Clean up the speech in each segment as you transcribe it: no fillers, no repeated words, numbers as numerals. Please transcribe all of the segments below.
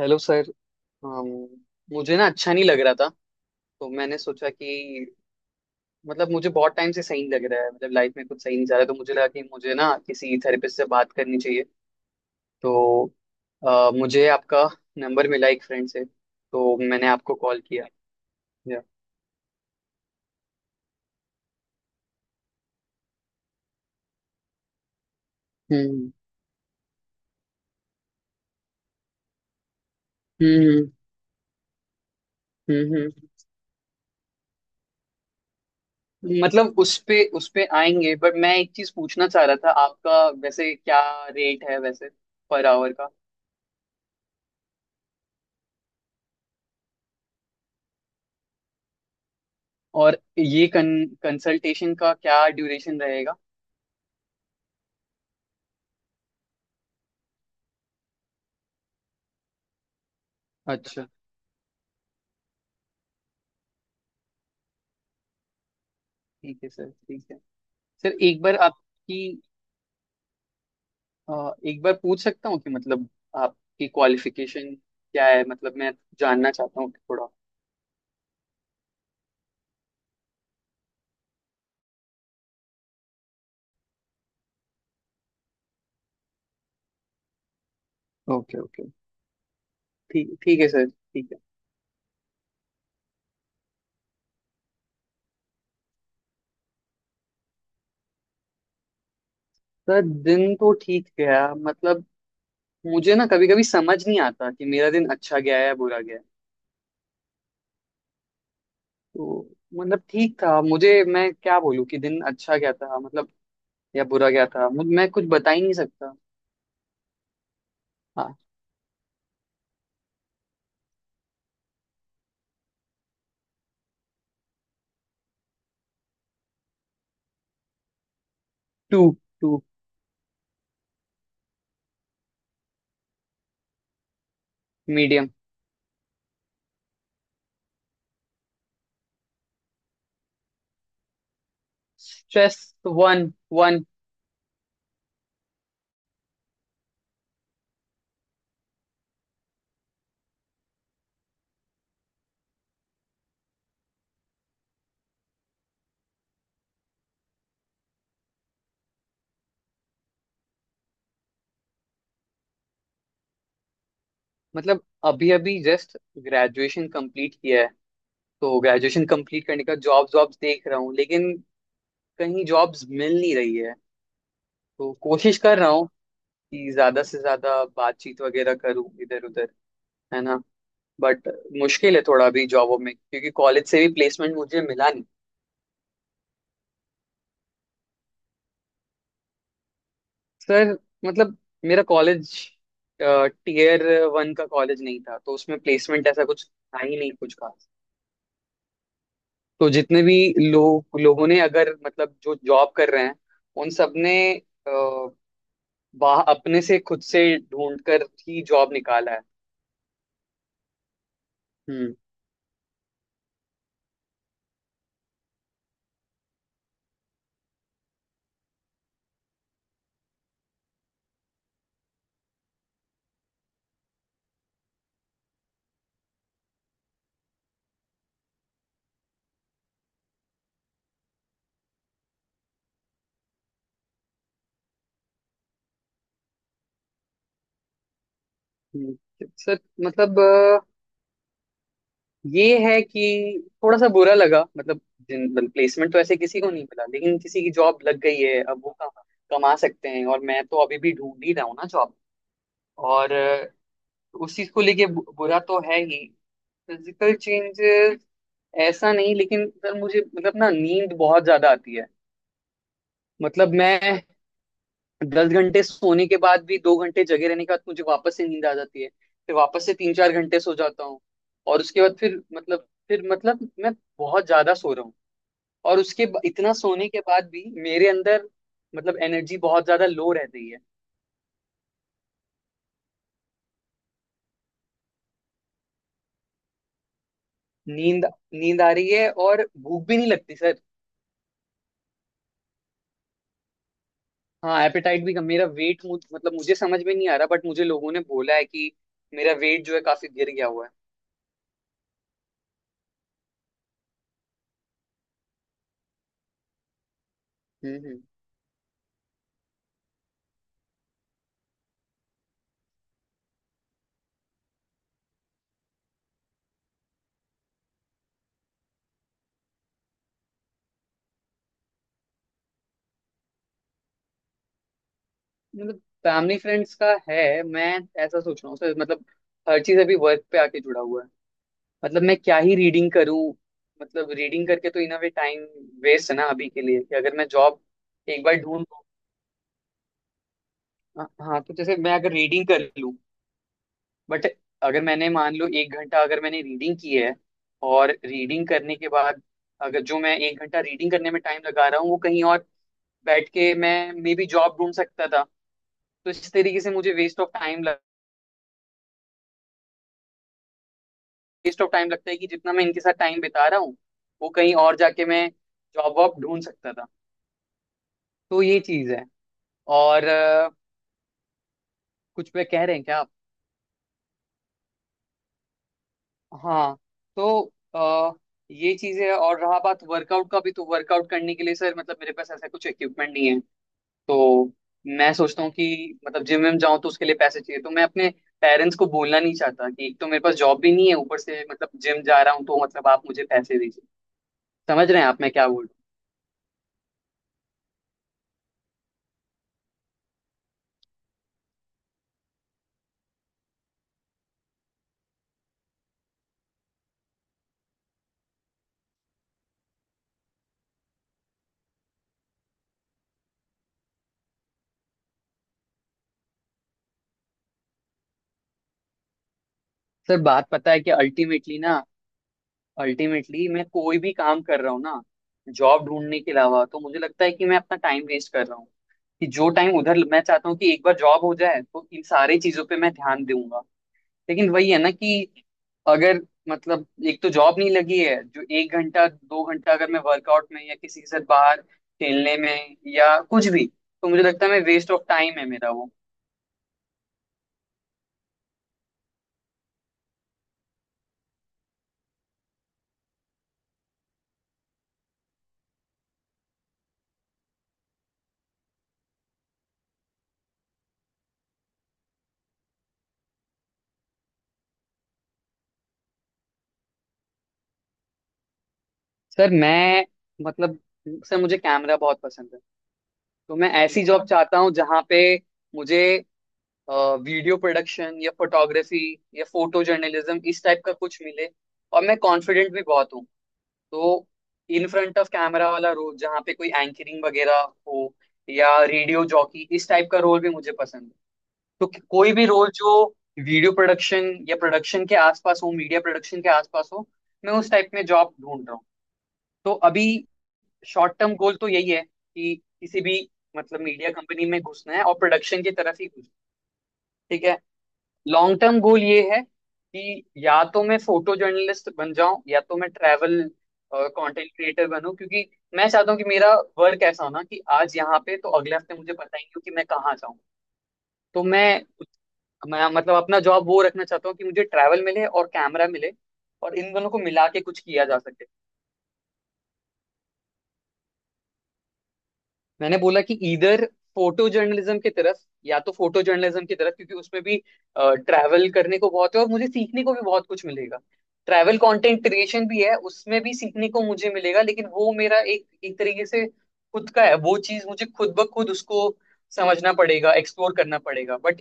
Hello sir. अम, मुझे ना अच्छा नहीं लग रहा था, तो मैंने सोचा कि मतलब मुझे बहुत टाइम से सही नहीं लग रहा है, मतलब लाइफ में कुछ सही नहीं जा रहा है, तो मुझे लगा कि मुझे ना किसी थेरेपिस्ट से बात करनी चाहिए। तो मुझे आपका नंबर मिला एक फ्रेंड से, तो मैंने आपको कॉल किया। या। हम्म हम्म हम्म हम्म। मतलब उस पे आएंगे, बट मैं एक चीज पूछना चाह रहा था। आपका वैसे क्या रेट है, वैसे पर आवर का? और ये कंसल्टेशन का क्या ड्यूरेशन रहेगा? अच्छा। ठीक है सर ठीक है। सर एक बार आपकी, एक बार पूछ सकता हूँ कि मतलब आपकी क्वालिफिकेशन क्या है, मतलब मैं जानना चाहता हूँ थोड़ा। Okay okay. ठीक ठीक है सर ठीक है। सर दिन तो ठीक गया। मतलब मुझे ना कभी कभी समझ नहीं आता कि मेरा दिन अच्छा गया है या बुरा गया है। तो मतलब ठीक था। मुझे मैं क्या बोलूँ कि दिन अच्छा गया था मतलब, या बुरा गया था, मैं कुछ बता ही नहीं सकता। हाँ। 2। 2। मीडियम। स्ट्रेस 1। मतलब अभी अभी जस्ट ग्रेजुएशन कंप्लीट किया है। तो ग्रेजुएशन कंप्लीट करने का जॉब्स देख रहा हूँ, लेकिन कहीं जॉब्स मिल नहीं रही है। तो कोशिश कर रहा हूँ कि ज्यादा से ज्यादा बातचीत वगैरह करूँ, इधर उधर, है ना। बट मुश्किल है थोड़ा अभी जॉबों में, क्योंकि कॉलेज से भी प्लेसमेंट मुझे मिला नहीं। सर मतलब मेरा कॉलेज टीयर वन का कॉलेज नहीं था, तो उसमें प्लेसमेंट ऐसा कुछ था ही नहीं, कुछ खास। तो जितने भी लोगों ने, अगर मतलब, जो जॉब कर रहे हैं, उन सब ने अ, अपने से खुद से ढूंढ कर ही जॉब निकाला है। हम्म हम्म। सर मतलब, ये है कि थोड़ा सा बुरा लगा मतलब, जिन प्लेसमेंट तो ऐसे किसी को नहीं मिला, लेकिन किसी की जॉब लग गई है, अब वो कमा कमा सकते हैं, और मैं तो अभी भी ढूंढ ही रहा हूँ ना जॉब। और उस चीज को लेके बुरा तो है ही। फिजिकल चेंजेस ऐसा नहीं, लेकिन सर मुझे मतलब ना नींद बहुत ज्यादा आती है। मतलब मैं 10 घंटे सोने के बाद भी, 2 घंटे जगे रहने के बाद मुझे वापस से नींद आ जाती है, फिर वापस से 3-4 घंटे सो जाता हूँ। और उसके बाद फिर मतलब मैं बहुत ज्यादा सो रहा हूँ। और इतना सोने के बाद भी मेरे अंदर मतलब एनर्जी बहुत ज्यादा लो रह रही है। नींद नींद आ रही है और भूख भी नहीं लगती सर। हाँ, एपेटाइट भी कम। मेरा वेट मतलब मुझे समझ में नहीं आ रहा, बट मुझे लोगों ने बोला है कि मेरा वेट जो है काफी गिर गया हुआ है। हम्म हम्म। मतलब फैमिली फ्रेंड्स का है, मैं ऐसा सोच रहा हूँ सर, मतलब हर चीज अभी वर्क पे आके जुड़ा हुआ है। मतलब मैं क्या ही रीडिंग करूँ, मतलब रीडिंग करके तो in a way time waste है ना अभी के लिए, कि अगर मैं जॉब एक बार ढूंढ लूँ। हाँ हाँ, तो जैसे मैं अगर रीडिंग कर लूँ, बट अगर मैंने मान लो 1 घंटा अगर मैंने रीडिंग की है, और रीडिंग करने के बाद, अगर जो मैं 1 घंटा रीडिंग करने में टाइम लगा रहा हूँ, वो कहीं और बैठ के मैं मे बी जॉब ढूंढ सकता था। तो इस तरीके से मुझे वेस्ट ऑफ टाइम लगता है कि जितना मैं इनके साथ टाइम बिता रहा हूँ, वो कहीं और जाके मैं जॉब वॉब ढूंढ सकता था। तो ये चीज है और कुछ पे कह रहे हैं क्या आप? हाँ। तो अ, ये चीज है। और रहा बात वर्कआउट का, भी तो वर्कआउट करने के लिए सर मतलब मेरे पास ऐसा कुछ इक्विपमेंट नहीं है। तो मैं सोचता हूँ कि मतलब जिम में जाऊं, तो उसके लिए पैसे चाहिए, तो मैं अपने पेरेंट्स को बोलना नहीं चाहता कि एक तो मेरे पास जॉब भी नहीं है, ऊपर से मतलब जिम जा रहा हूँ, तो मतलब आप मुझे पैसे दीजिए। समझ रहे हैं आप मैं क्या बोल रहा हूँ? सर बात पता है कि अल्टीमेटली ना, अल्टीमेटली मैं कोई भी काम कर रहा हूँ ना, जॉब ढूंढने के अलावा, तो मुझे लगता है कि मैं अपना टाइम वेस्ट कर रहा हूँ। कि जो टाइम उधर मैं चाहता हूँ कि एक बार जॉब हो जाए, तो इन सारी चीजों पे मैं ध्यान दूंगा। लेकिन वही है ना कि अगर मतलब एक तो जॉब नहीं लगी है, जो 1 घंटा 2 घंटा अगर मैं वर्कआउट में या किसी के साथ बाहर खेलने में या कुछ भी, तो मुझे लगता है मैं वेस्ट ऑफ टाइम है मेरा वो। सर मैं मतलब सर मुझे कैमरा बहुत पसंद है। तो मैं ऐसी जॉब चाहता हूँ जहाँ पे मुझे वीडियो प्रोडक्शन या फोटोग्राफी या फोटो जर्नलिज्म इस टाइप का कुछ मिले। और मैं कॉन्फिडेंट भी बहुत हूँ। तो इन फ्रंट ऑफ कैमरा वाला रोल जहाँ पे कोई एंकरिंग वगैरह हो, या रेडियो जॉकी इस टाइप का रोल भी मुझे पसंद है। तो कोई भी रोल जो वीडियो प्रोडक्शन या प्रोडक्शन के आसपास हो, मीडिया प्रोडक्शन के आसपास हो, मैं उस टाइप में जॉब ढूंढ रहा हूँ। तो अभी शॉर्ट टर्म गोल तो यही है कि किसी भी, मतलब मीडिया कंपनी में घुसना है, और प्रोडक्शन की तरफ ही घुसना है। ठीक है। लॉन्ग टर्म गोल ये है कि या तो मैं फोटो जर्नलिस्ट बन जाऊं, या तो मैं ट्रैवल कंटेंट क्रिएटर बनूं, क्योंकि मैं चाहता हूं कि मेरा वर्क ऐसा हो ना कि आज यहाँ पे, तो अगले हफ्ते मुझे पता ही नहीं हो कि मैं कहाँ जाऊं। तो मैं मतलब अपना जॉब वो रखना चाहता हूँ कि मुझे ट्रैवल मिले और कैमरा मिले, और इन दोनों को मिला के कुछ किया जा सके। मैंने बोला कि इधर फोटो जर्नलिज्म की तरफ, या तो फोटो जर्नलिज्म की तरफ क्योंकि उसमें भी ट्रैवल करने को बहुत है और मुझे सीखने को भी बहुत कुछ मिलेगा। ट्रैवल कंटेंट क्रिएशन भी है, उसमें भी सीखने को मुझे मिलेगा, लेकिन वो मेरा एक एक तरीके से खुद का है, वो चीज मुझे खुद ब खुद उसको समझना पड़ेगा, एक्सप्लोर करना पड़ेगा। बट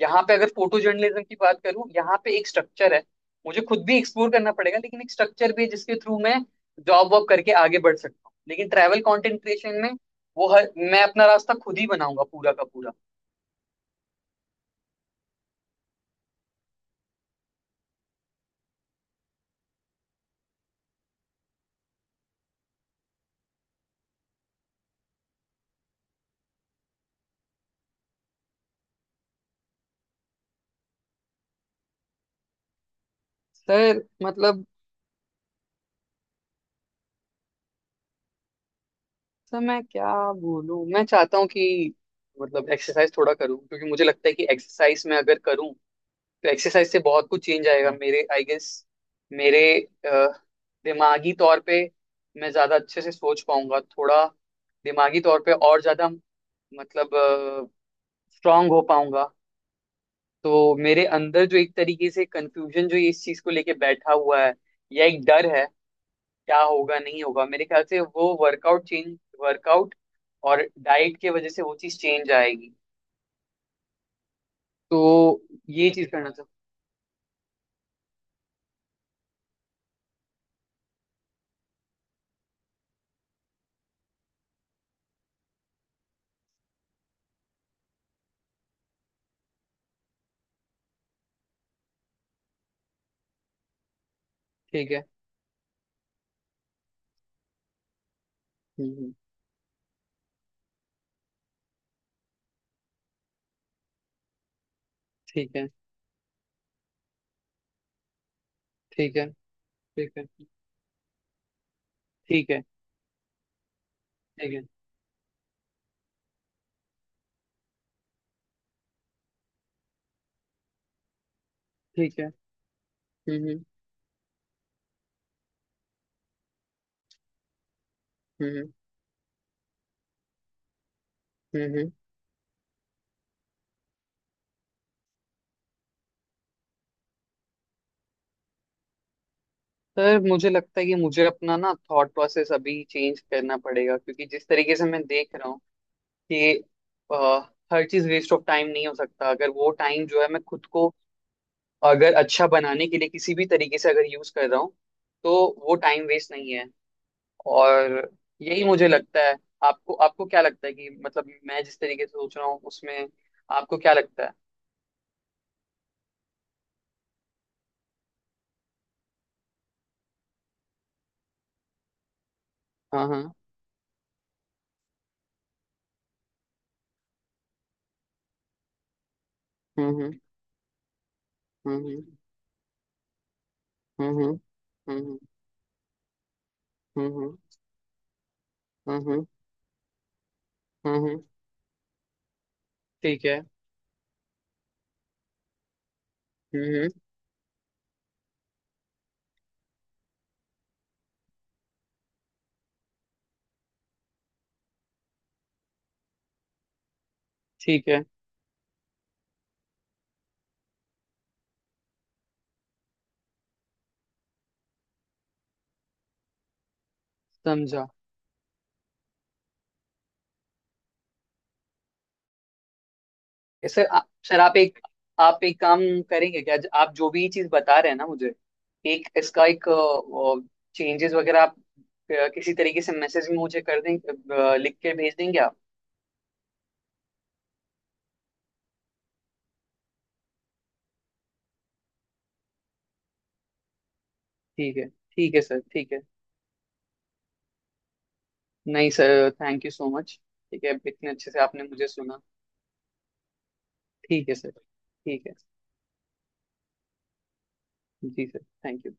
यहाँ पे अगर फोटो जर्नलिज्म की बात करूँ, यहाँ पे एक स्ट्रक्चर है। मुझे खुद भी एक्सप्लोर करना पड़ेगा, लेकिन एक स्ट्रक्चर भी है जिसके थ्रू मैं जॉब वॉब करके आगे बढ़ सकता हूँ, लेकिन ट्रैवल कंटेंट क्रिएशन में वो हर मैं अपना रास्ता खुद ही बनाऊंगा, पूरा का पूरा। सर मतलब सर मैं क्या बोलूं। मैं चाहता हूँ कि मतलब एक्सरसाइज थोड़ा करूं, क्योंकि मुझे लगता है कि एक्सरसाइज में अगर करूं तो एक्सरसाइज से बहुत कुछ चेंज आएगा मेरे, आई गेस। मेरे अ, दिमागी तौर पे मैं ज्यादा अच्छे से सोच पाऊंगा, थोड़ा दिमागी तौर पे और ज्यादा मतलब स्ट्रांग हो पाऊंगा। तो मेरे अंदर जो एक तरीके से कंफ्यूजन जो इस चीज को लेके बैठा हुआ है, या एक डर है क्या होगा नहीं होगा, मेरे ख्याल से वो वर्कआउट और डाइट के वजह से वो चीज चेंज आएगी। तो ये चीज करना था। ठीक है। हम्म हम्म, ठीक है। ठीक है। ठीक है। ठीक है। ठीक है। ठीक है। हम्म हम्म हम्म हम्म हम्म। सर मुझे लगता है कि मुझे अपना ना थॉट प्रोसेस अभी चेंज करना पड़ेगा, क्योंकि जिस तरीके से मैं देख रहा हूँ कि अ, हर चीज वेस्ट ऑफ टाइम नहीं हो सकता, अगर वो टाइम जो है, मैं खुद को अगर अच्छा बनाने के लिए किसी भी तरीके से अगर यूज कर रहा हूँ, तो वो टाइम वेस्ट नहीं है। और यही मुझे लगता है। आपको, आपको क्या लगता है कि मतलब मैं जिस तरीके से सोच रहा हूँ उसमें, आपको क्या लगता है? हाँ हाँ। हम्म हम्म हम्म हम्म हम्म हम्म हम्म हम्म हम्म हम्म, ठीक है। हम्म हम्म, ठीक है। समझा। सर सर आप एक काम करेंगे क्या? आप जो भी चीज बता रहे हैं ना मुझे, एक इसका एक चेंजेस वगैरह आप किसी तरीके से मैसेज में मुझे कर दें, लिख के भेज देंगे आप? ठीक है सर ठीक है। नहीं sir, thank you so much. ठीक है, इतने अच्छे से आपने मुझे सुना। ठीक है सर। ठीक है। जी सर, थैंक यू।